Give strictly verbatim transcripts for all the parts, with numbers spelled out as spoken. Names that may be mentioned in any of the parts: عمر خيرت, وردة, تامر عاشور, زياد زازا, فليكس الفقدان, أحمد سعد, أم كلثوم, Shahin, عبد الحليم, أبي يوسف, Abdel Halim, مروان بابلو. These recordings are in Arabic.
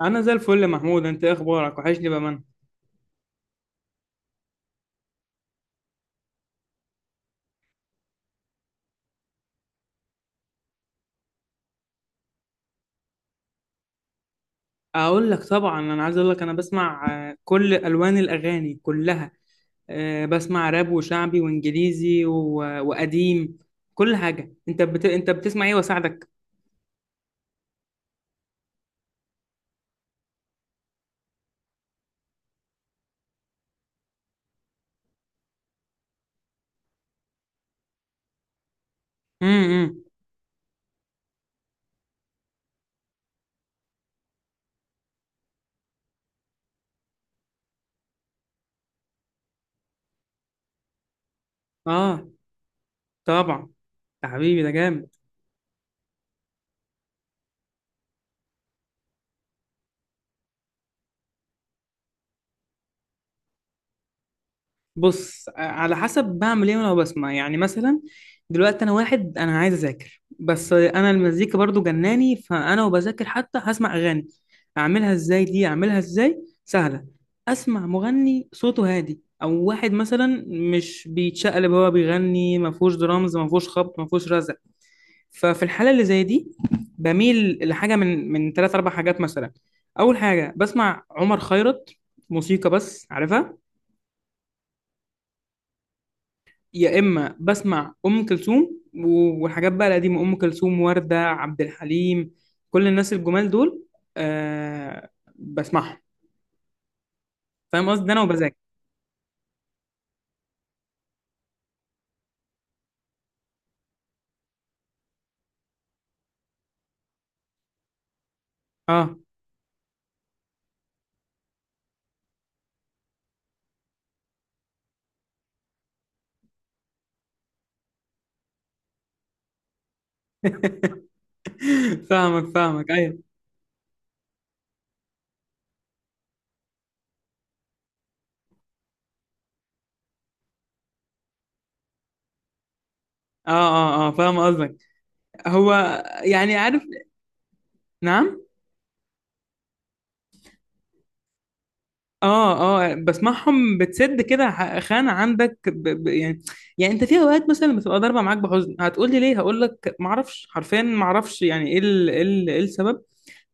انا زي الفل يا محمود انت إيه اخبارك وحشني بامانه. اقول لك طبعا، انا عايز اقول لك انا بسمع آه، كل الوان الاغاني كلها. آه، بسمع راب وشعبي وانجليزي و- وقديم. كل حاجه انت بت... انت بتسمع ايه واساعدك؟ امم. اه طبعا، يا حبيبي ده جامد. بص على حسب بعمل ايه، وانا بسمع يعني مثلا دلوقتي انا واحد انا عايز اذاكر، بس انا المزيكا برضو جناني فانا وبذاكر حتى هسمع اغاني. اعملها ازاي دي اعملها ازاي؟ سهله. اسمع مغني صوته هادي او واحد مثلا مش بيتشقلب وهو بيغني، ما فيهوش درامز، ما فيهوش خبط، ما فيهوش رزع. ففي الحاله اللي زي دي بميل لحاجه من من ثلاث اربع حاجات مثلا. اول حاجه بسمع عمر خيرت، موسيقى بس عارفها. يا اما بسمع ام كلثوم و- والحاجات بقى القديمه، ام كلثوم، ورده، عبد الحليم، كل الناس الجمال دول. آه، بسمعهم. فاهم قصدي؟ ده انا وبذاكر. اه. فاهمك فاهمك، ايوه. اه اه اه فاهم قصدك. هو يعني عارف. نعم. اه اه بسمعهم، بتسد كده ح- خانه عندك ب ب يعني. يعني انت في اوقات مثلا بتبقى ضاربه معاك بحزن، هتقول لي ليه؟ هقول لك ما اعرفش، حرفيا ما اعرفش يعني ايه ال- ايه ال- إيه السبب.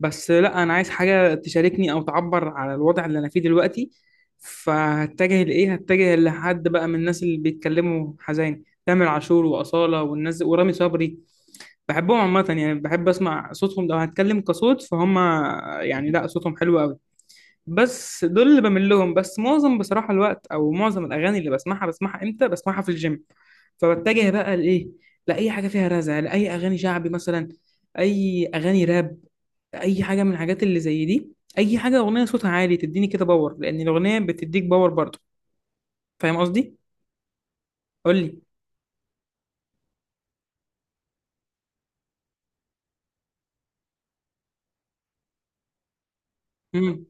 بس لا، انا عايز حاجه تشاركني او تعبر على الوضع اللي انا فيه دلوقتي. فهتجه لايه؟ هتجه لحد بقى من الناس اللي بيتكلموا حزين، تامر عاشور واصاله والناس ورامي صبري. بحبهم عامه، يعني بحب اسمع صوتهم لو هتكلم كصوت فهم. يعني لا، صوتهم حلو قوي. بس دول اللي بميل لهم. بس معظم بصراحه الوقت او معظم الاغاني اللي بسمعها، بسمعها امتى؟ بسمعها في الجيم. فبتجه بقى لايه؟ لاي حاجه فيها رزع، لاي اغاني شعبي مثلا، اي اغاني راب، اي حاجه من الحاجات اللي زي دي. اي حاجه اغنيه صوتها عالي تديني كده باور، لان الاغنيه بتديك باور برضه. فاهم قصدي؟ قول لي. امم.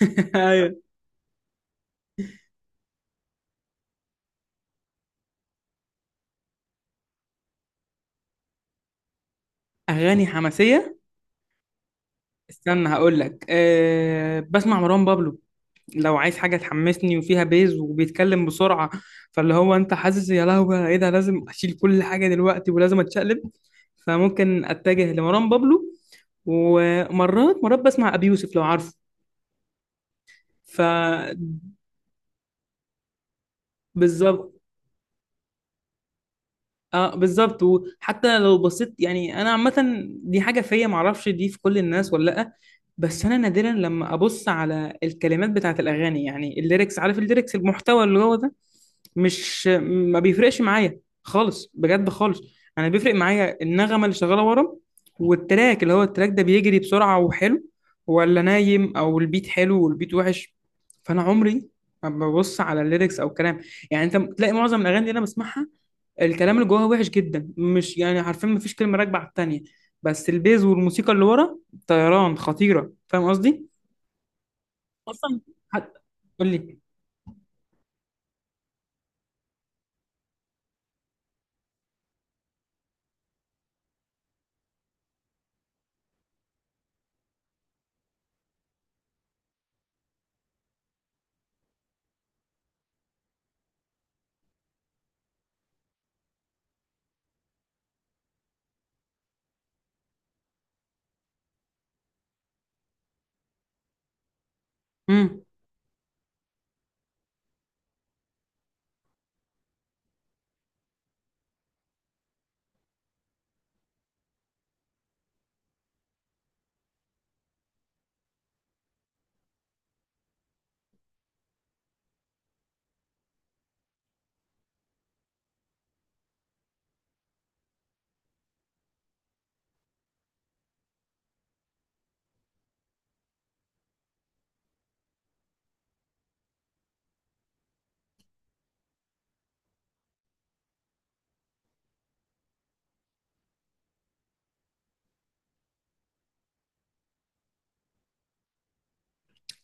ايوه. اغاني حماسيه. استنى هقول لك، أه بسمع مروان بابلو لو عايز حاجه تحمسني وفيها بيز وبيتكلم بسرعه، فاللي هو انت حاسس يا لهوي ايه ده، لازم اشيل كل حاجه دلوقتي ولازم اتشقلب. فممكن اتجه لمروان بابلو، ومرات مرات بسمع ابي يوسف لو عارفه. فبالظبط. اه بالظبط. وحتى لو بصيت، يعني انا عامه دي حاجه فيا، معرفش دي في كل الناس ولا لا، بس انا نادرا لما ابص على الكلمات بتاعت الاغاني، يعني الليركس، عارف الليركس، المحتوى اللي هو ده، مش ما بيفرقش معايا خالص، بجد خالص. انا بيفرق معايا النغمه اللي شغاله ورا، والتراك، اللي هو التراك ده بيجري بسرعه وحلو ولا نايم، او البيت حلو والبيت وحش. فانا عمري ما ببص على الليركس او الكلام. يعني انت تلاقي معظم الاغاني اللي انا بسمعها الكلام اللي جواها وحش جدا، مش يعني عارفين، مفيش كلمة راكبة على التانية، بس البيز والموسيقى اللي ورا طيران خطيرة. فاهم قصدي؟ أصلا حد. قول لي. امم.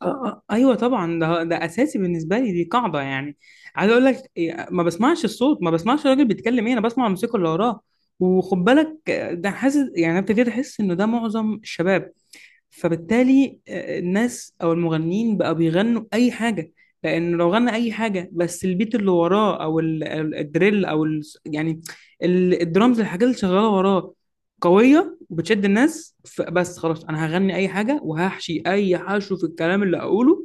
آه آه ايوه طبعا، ده ده اساسي بالنسبه لي، دي قاعده يعني. عايز اقول لك إيه، ما بسمعش الصوت، ما بسمعش الراجل بيتكلم ايه، انا بسمع الموسيقى اللي وراه. وخد بالك آه، ده حاسس يعني أنا ابتديت احس انه ده معظم الشباب. فبالتالي آه، الناس او المغنيين بقى بيغنوا اي حاجه، لان لو غنى اي حاجه بس البيت اللي وراه او ال- ال- الدريل او ال يعني ال- الدرامز، الحاجات اللي شغاله وراه قويه وبتشد الناس، ف- بس خلاص انا هغني اي حاجه وهحشي اي حشو في الكلام اللي اقوله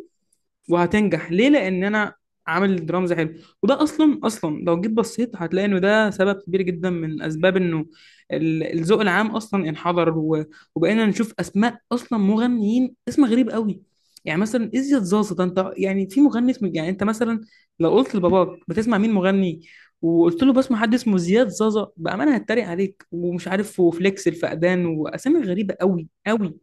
وهتنجح. ليه؟ لان انا عامل درامز حلو. وده اصلا اصلا لو جيت بصيت هتلاقي انه ده سبب كبير جدا من اسباب انه ال- الذوق العام اصلا انحدر، و- وبقينا نشوف اسماء اصلا مغنيين اسمها غريب قوي. يعني مثلا ازيد زازا، ده انت يعني في مغني اسمه؟ يعني انت مثلا لو قلت لباباك بتسمع مين مغني، وقلت له بسمع حد اسمه زياد زازا، بامانه هتريق عليك ومش عارف، وفليكس الفقدان، واسامي غريبه قوي قوي.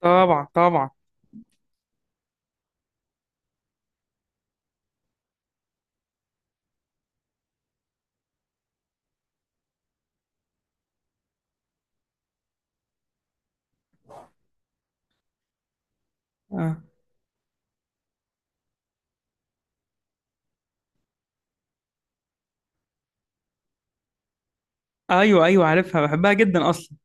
طبعا طبعا. آه. ايوه ايوه عارفها، بحبها جدا اصلا.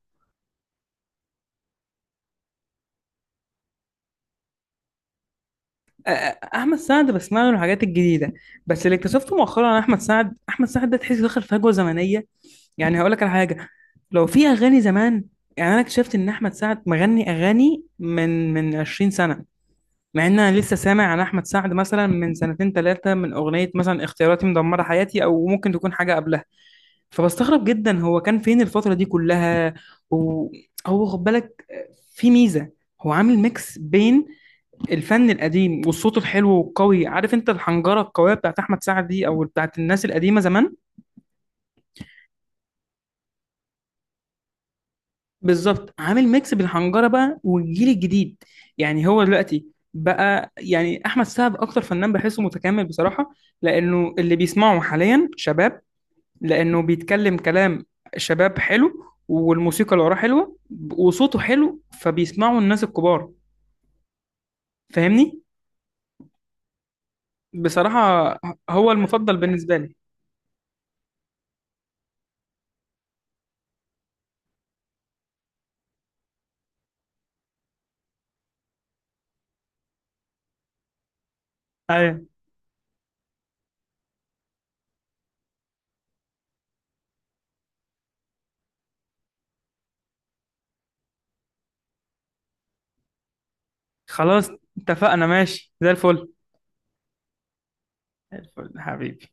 آه، احمد سعد بسمع له الحاجات الجديده. بس اللي اكتشفته مؤخرا عن احمد سعد، احمد سعد ده تحس دخل فجوه زمنيه. يعني هقول لك على حاجه، لو في اغاني زمان، يعني انا اكتشفت ان احمد سعد مغني اغاني من من عشرين سنة سنه، مع ان انا لسه سامع عن احمد سعد مثلا من سنتين ثلاثه من اغنيه مثلا اختياراتي مدمره حياتي، او ممكن تكون حاجه قبلها. فبستغرب جدا هو كان فين الفتره دي كلها. وهو خد بالك آه، في ميزه، هو عامل ميكس بين الفن القديم والصوت الحلو والقوي، عارف انت الحنجره القويه بتاعت احمد سعد دي او بتاعت الناس القديمه زمان. بالظبط، عامل ميكس بالحنجره بقى والجيل الجديد. يعني هو دلوقتي بقى يعني احمد سعد اكتر فنان بحسه متكامل بصراحه، لانه اللي بيسمعه حاليا شباب، لانه بيتكلم كلام شباب حلو، والموسيقى اللي وراه حلوه، وصوته حلو، فبيسمعه الناس الكبار. فاهمني؟ بصراحه هو المفضل بالنسبه لي. ايوه خلاص اتفقنا، ماشي زي الفل. الفل حبيبي.